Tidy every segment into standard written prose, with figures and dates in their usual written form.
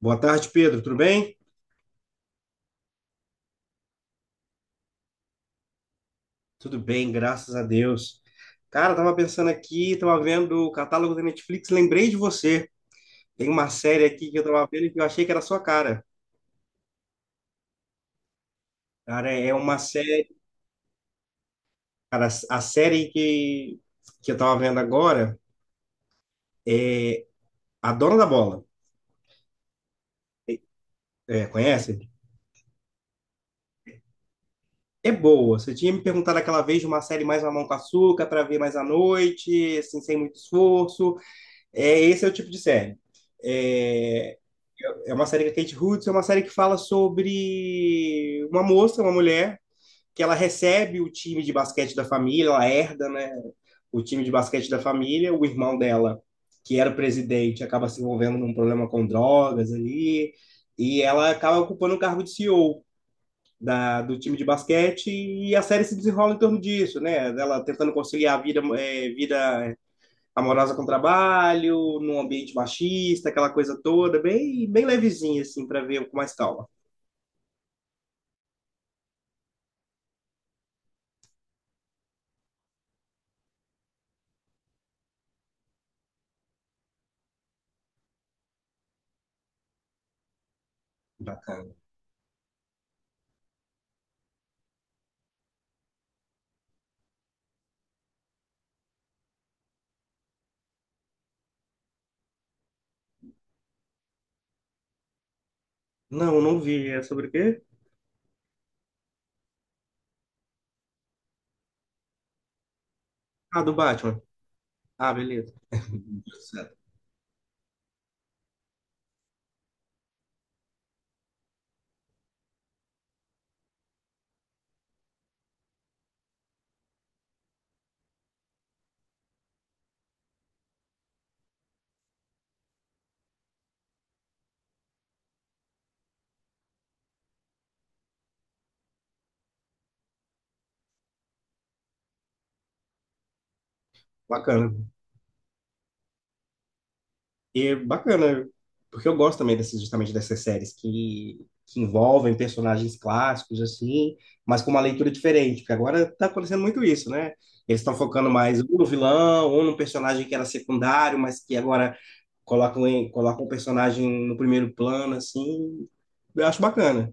Boa tarde, Pedro. Tudo bem? Tudo bem, graças a Deus. Cara, tava pensando aqui, tava vendo o catálogo da Netflix, lembrei de você. Tem uma série aqui que eu tava vendo que eu achei que era a sua cara. Cara, é uma série, cara, a série que, Que eu tava vendo agora, é A Dona da Bola. É, conhece? É boa. Você tinha me perguntado aquela vez de uma série mais mamão com açúcar para ver mais à noite, assim, sem muito esforço. É, esse é o tipo de série. É, é uma série com a Kate Hudson, é uma série que fala sobre uma mulher, que ela recebe o time de basquete da família, ela herda, né, o time de basquete da família. O irmão dela, que era o presidente, acaba se envolvendo num problema com drogas ali, e ela acaba ocupando o cargo de CEO do time de basquete, e a série se desenrola em torno disso, né, dela tentando conciliar a vida, vida amorosa com trabalho, num ambiente machista, aquela coisa toda, bem, bem levezinha, assim, para ver com mais calma. Bacana. Não, não vi. É sobre o quê? Ah, do Batman. Ah, beleza. Certo. Bacana. E é bacana, porque eu gosto também dessas, justamente dessas séries que envolvem personagens clássicos, assim, mas com uma leitura diferente, porque agora tá acontecendo muito isso, né? Eles estão focando mais ou no vilão, ou num personagem que era secundário, mas que agora colocam um personagem no primeiro plano, assim. Eu acho bacana.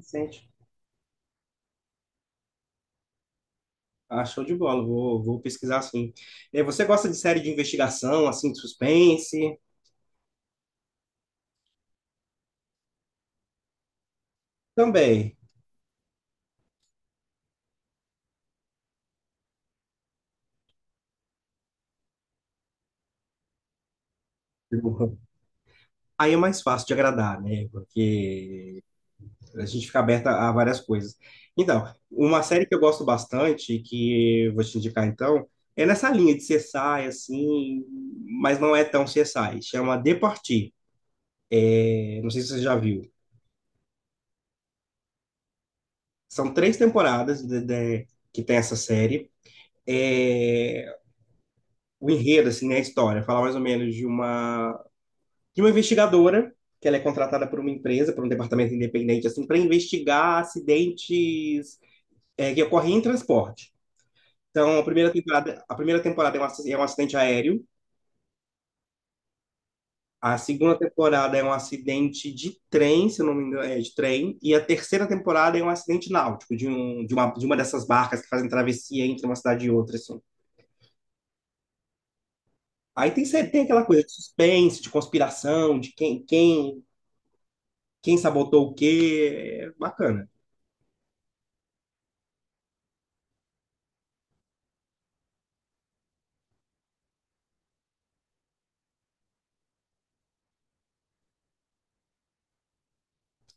Sente. Ah, show de bola, vou pesquisar assim. Você gosta de série de investigação, assim, de suspense? Também. Tipo, aí é mais fácil de agradar, né? Porque a gente fica aberto a várias coisas. Então, uma série que eu gosto bastante, que eu vou te indicar então, é nessa linha de CSI, assim, mas não é tão CSI. Chama The Party. Eu não sei se você já viu. São três temporadas que tem essa série. É, o enredo, assim, né, a história, fala mais ou menos de uma investigadora que ela é contratada por uma empresa, por um departamento independente, assim, para investigar acidentes que ocorrem em transporte. Então, a primeira temporada é um é um acidente aéreo, a segunda temporada é um acidente de trem, se eu não me engano, é de trem, e a terceira temporada é um acidente náutico, de uma dessas barcas que fazem travessia entre uma cidade e outra, assim. Aí tem, sempre- tem aquela coisa de suspense, de conspiração, quem sabotou o quê. É bacana.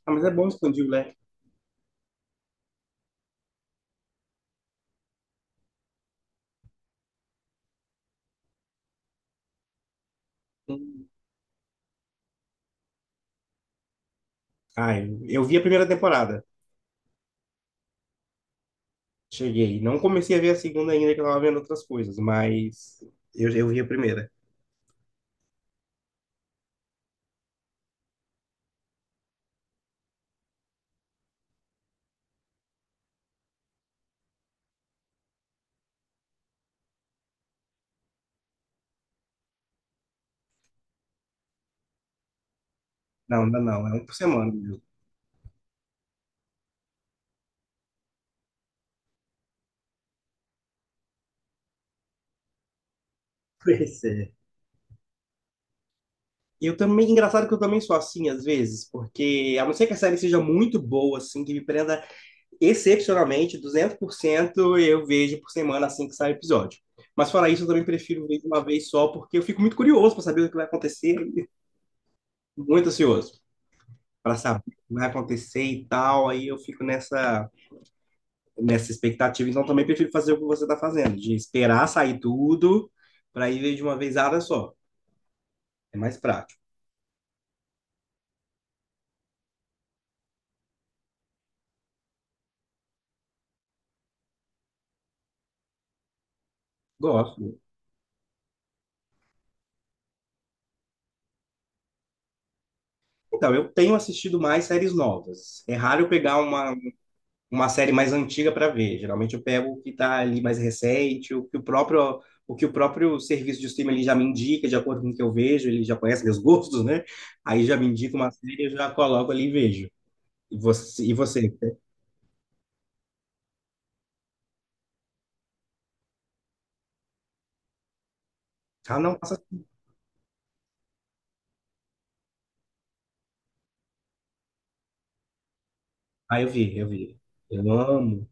Ah, mas é bom expandir o leque. Hum. Ah, eu vi a primeira temporada. Cheguei. Não comecei a ver a segunda ainda, que eu tava vendo outras coisas, mas eu vi a primeira. Não, ainda não. É um por semana, viu? Pois é. Eu também, engraçado que eu também sou assim às vezes, porque a não ser que a série seja muito boa, assim, que me prenda excepcionalmente, 200% eu vejo por semana assim que sai o episódio. Mas fora isso, eu também prefiro ver de uma vez só, porque eu fico muito curioso para saber o que vai acontecer, muito ansioso para saber o que vai acontecer e tal. Aí eu fico nessa, nessa expectativa. Então também prefiro fazer o que você está fazendo, de esperar sair tudo para ir ver de uma vezada só. É mais prático. Gosto. Então, eu tenho assistido mais séries novas. É raro eu pegar uma série mais antiga para ver. Geralmente eu pego o que está ali mais recente, o que o próprio serviço de streaming ele já me indica, de acordo com o que eu vejo, ele já conhece meus gostos, né? Aí já me indica uma série, eu já coloco ali e vejo. E você? Ah, não, passa. Assim. Ah, eu vi. Eu amo.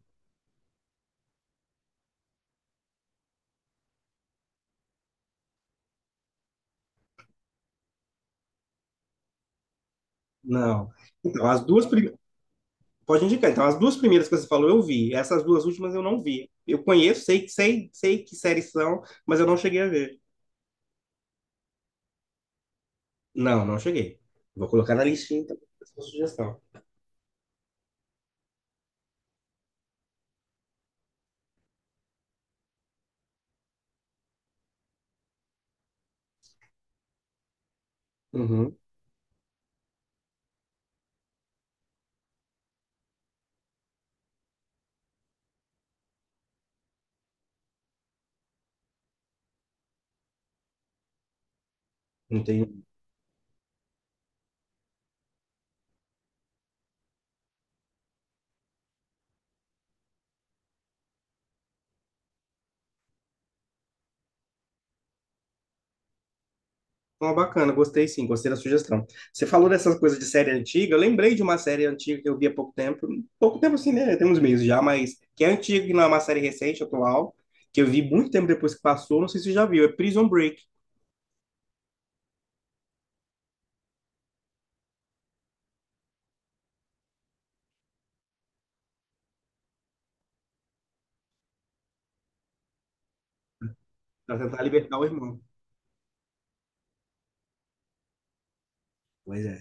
Não. Então, as duas primeiras. Pode indicar. Então, as duas primeiras que você falou, eu vi. Essas duas últimas eu não vi. Eu conheço, sei que séries são, mas eu não cheguei a ver. Não, não cheguei. Vou colocar na listinha, então, essa sugestão. Uhum, entendi. Uma bacana, gostei sim, gostei da sugestão. Você falou dessas coisas de série antiga, eu lembrei de uma série antiga que eu vi há pouco tempo assim, né? Tem uns meses já, mas que é antiga, que não é uma série recente, atual, que eu vi muito tempo depois que passou, não sei se você já viu, é Prison Break, pra tentar libertar o irmão. Pois é.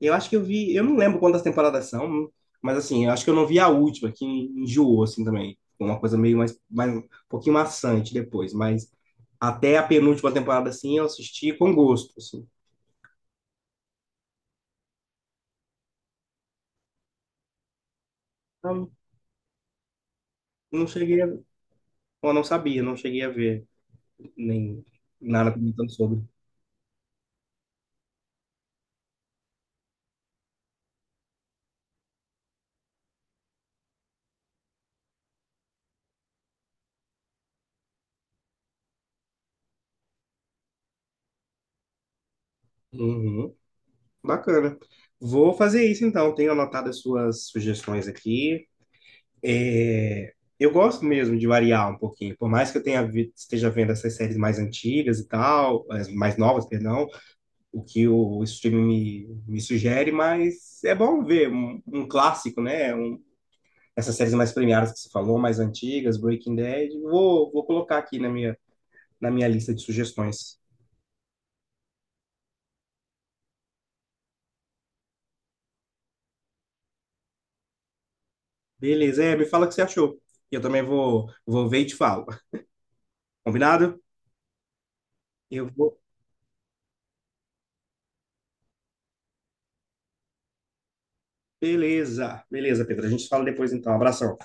Eu acho que eu vi, eu não lembro quantas temporadas são, mas assim, eu acho que eu não vi a última, que enjoou assim também. Foi uma coisa meio mais um pouquinho maçante depois, mas até a penúltima temporada assim eu assisti com gosto, assim. Não cheguei a... Eu não sabia, não cheguei a ver nem nada comentando sobre. Uhum, bacana. Vou fazer isso então. Tenho anotado as suas sugestões aqui. É, eu gosto mesmo de variar um pouquinho. Por mais que eu tenha esteja vendo essas séries mais antigas e tal, as mais novas, perdão, o que o streaming me sugere, mas é bom ver um clássico, né? Um- essas séries mais premiadas que você falou, mais antigas, Breaking Bad. Vou colocar aqui na minha lista de sugestões. Beleza, é, me fala o que você achou. E eu também vou ver e te falo. Combinado? Eu vou. Beleza, beleza, Pedro. A gente se fala depois então. Abração.